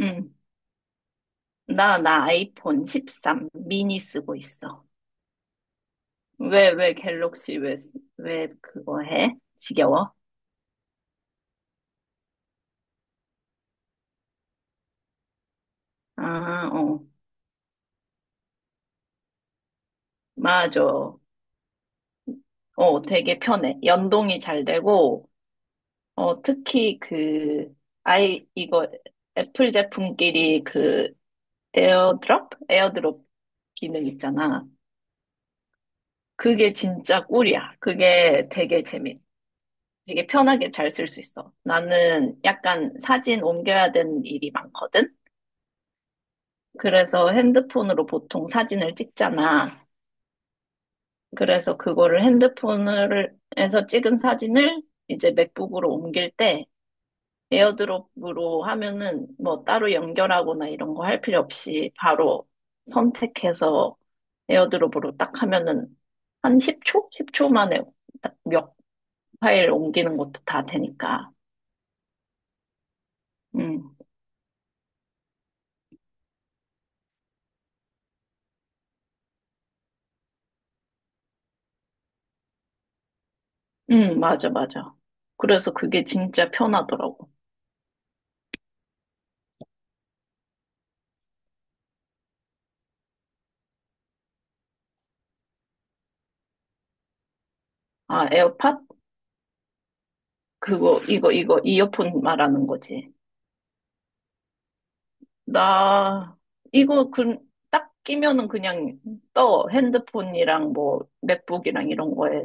응. 나 아이폰 13 미니 쓰고 있어. 왜 갤럭시 왜 그거 해? 지겨워? 어. 맞아. 어, 되게 편해. 연동이 잘 되고, 어, 특히 그, 아이, 이거 애플 제품끼리 그 에어드롭 기능 있잖아. 그게 진짜 꿀이야. 되게 편하게 잘 쓸 수 있어. 나는 약간 사진 옮겨야 되는 일이 많거든? 그래서 핸드폰으로 보통 사진을 찍잖아. 그래서 그거를 핸드폰에서 찍은 사진을 이제 맥북으로 옮길 때 에어드롭으로 하면은 뭐 따로 연결하거나 이런 거 할 필요 없이 바로 선택해서 에어드롭으로 딱 하면은 한 10초 만에 딱 몇 파일 옮기는 것도 다 되니까. 음, 맞아, 맞아. 그래서 그게 진짜 편하더라고. 아, 에어팟? 이어폰 말하는 거지. 나, 이거, 그, 딱 끼면은 그냥 떠. 핸드폰이랑 뭐, 맥북이랑 이런 거에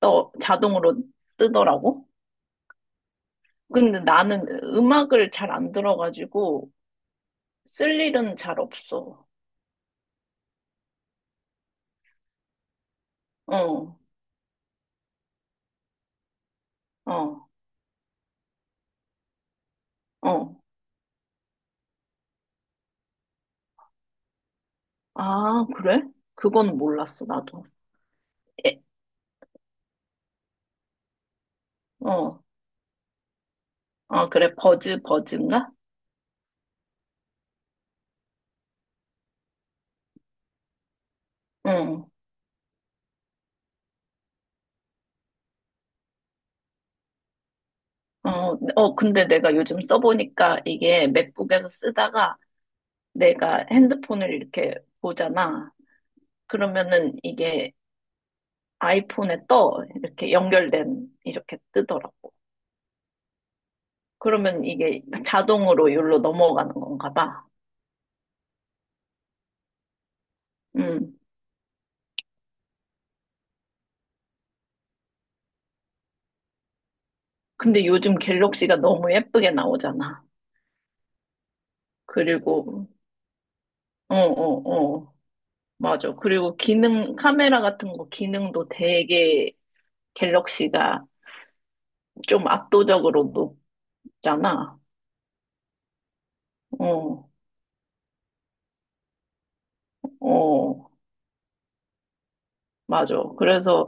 떠. 자동으로 뜨더라고. 근데 나는 음악을 잘 안 들어가지고, 쓸 일은 잘 없어. 어, 어, 어. 아, 그래? 그건 몰랐어, 나도. 예, 어, 어, 그래. 버즈인가? 응. 어, 어, 근데 내가 요즘 써보니까 이게 맥북에서 쓰다가 내가 핸드폰을 이렇게 보잖아. 그러면은 이게 아이폰에 떠. 이렇게 뜨더라고. 그러면 이게 자동으로 여기로 넘어가는 건가 봐. 음. 근데 요즘 갤럭시가 너무 예쁘게 나오잖아. 그리고, 어, 어, 어. 맞아. 그리고 카메라 같은 거 기능도 되게 갤럭시가 좀 압도적으로 높잖아. 어, 어. 맞아. 그래서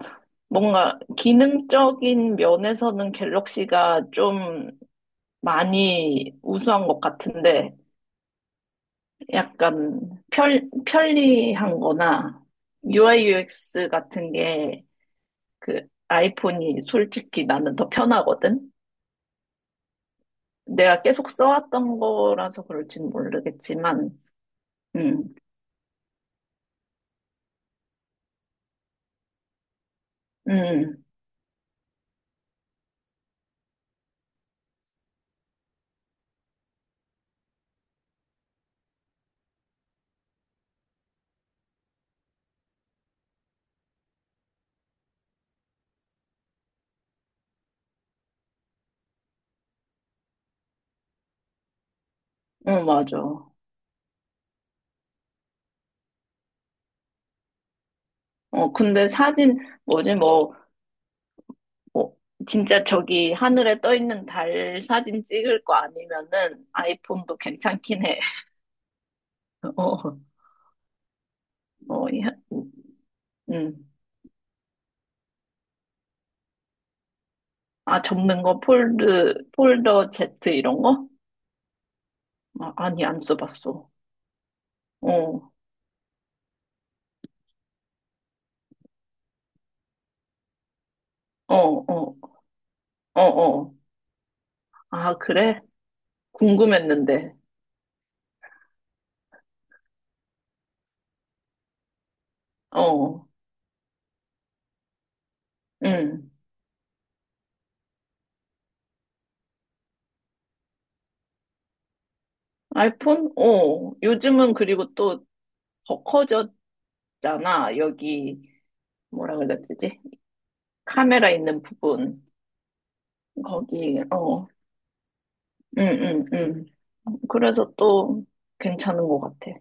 뭔가 기능적인 면에서는 갤럭시가 좀 많이 우수한 것 같은데 약간 편리한 거나 UI UX 같은 게 그 아이폰이 솔직히 나는 더 편하거든? 내가 계속 써왔던 거라서 그럴진 모르겠지만, 음, 음, 어, 맞아. 어, 근데 사진, 뭐지, 뭐, 어, 진짜 저기 하늘에 떠 있는 달 사진 찍을 거 아니면은 아이폰도 괜찮긴 해. 어, 어, 야, 음. 아, 접는 거 폴더 Z 이런 거? 아, 아니, 안 써봤어. 어, 어, 어, 어, 어. 아, 그래? 궁금했는데. 어, 음. 아이폰? 어. 요즘은 그리고 또 더 커졌잖아. 여기, 뭐라 그랬지? 카메라 있는 부분. 거기, 어. 응, 응, 응. 그래서 또 괜찮은 것 같아.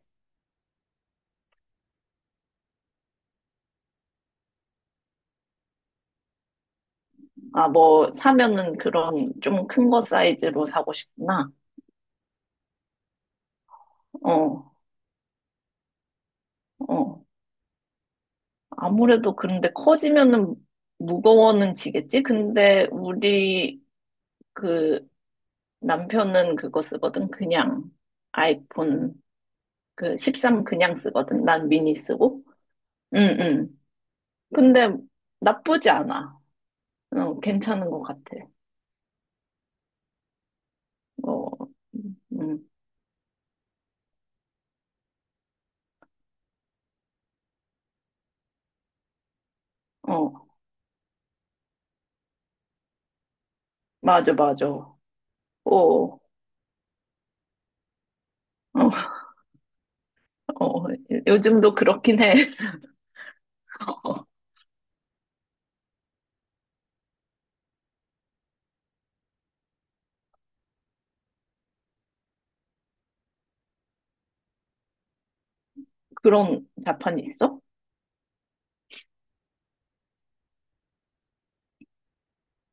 아, 뭐, 사면은 그런 좀 큰 거 사이즈로 사고 싶구나. 어, 어. 아무래도 그런데 커지면은 무거워는 지겠지? 근데 우리 그 남편은 그거 쓰거든. 그냥 아이폰 그 13 그냥 쓰거든. 난 미니 쓰고. 응, 응. 근데 나쁘지 않아. 어, 괜찮은 것 같아. 어, 응, 어. 맞아, 맞아. 어, 어, 어, 요즘도 그렇긴 해. 어, 그런 자판이 있어?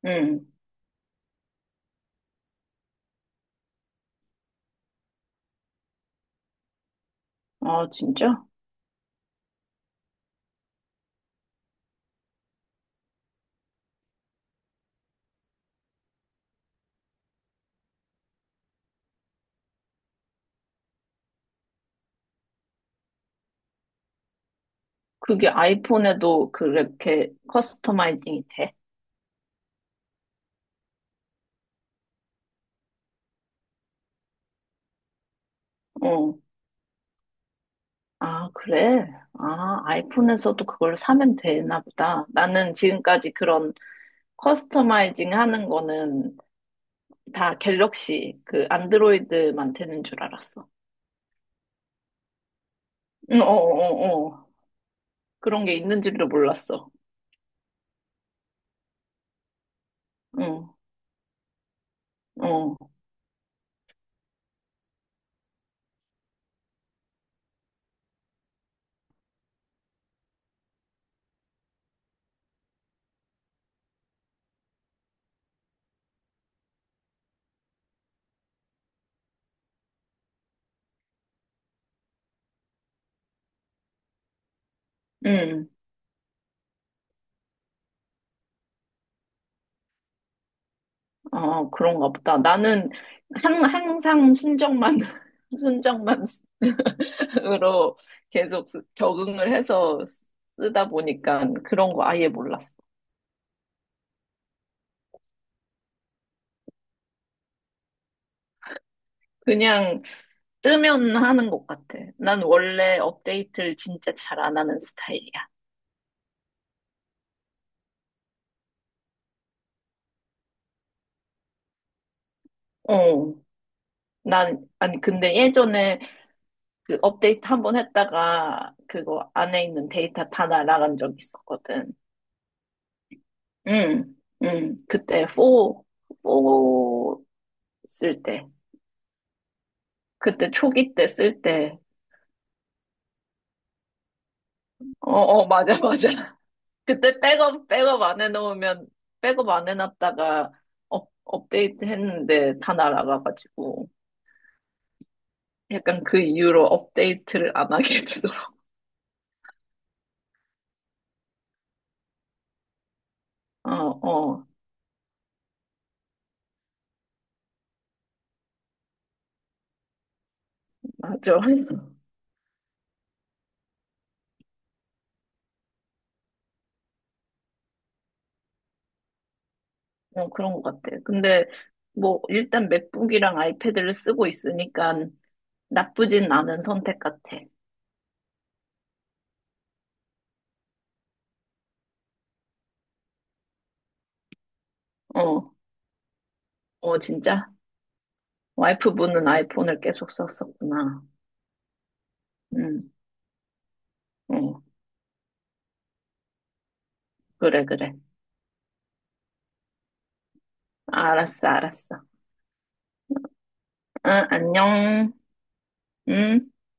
응. 아, 진짜? 그게 아이폰에도 그렇게 커스터마이징이 돼? 어. 아, 그래? 아, 아이폰에서도 그걸 사면 되나 보다. 나는 지금까지 그런 커스터마이징 하는 거는 다 갤럭시, 그 안드로이드만 되는 줄 알았어. 응, 어, 어, 어. 어. 그런 게 있는 줄도 몰랐어. 응, 어, 응. 아, 그런가 보다. 나는 항상 순정만, 순정만 으로 계속 적응을 해서 쓰다 보니까 그런 거 아예 몰랐어. 그냥 뜨면 하는 것 같아. 난 원래 업데이트를 진짜 잘 안 하는 스타일이야. 어. 난, 아니, 근데 예전에 그 업데이트 한 번 했다가 그거 안에 있는 데이터 다 날아간 적 있었거든. 응, 응. 그때 4 쓸 때. 그때 초기 때 쓸 때. 어, 어, 맞아, 맞아. 그때 백업 안 해놓으면, 백업 안 해놨다가 업데이트 했는데 다 날아가가지고. 약간 그 이후로 업데이트를 안 하게 되더라. 어, 어, 맞아. 어, 그런 것 같아. 근데 뭐, 일단 맥북이랑 아이패드를 쓰고 있으니까 나쁘진 않은 선택 같아. 어, 어, 진짜? 와이프분은 아이폰을 계속 썼었구나. 응 어. 그래, 그래. 알았어, 알았어. 응, 안녕. 응.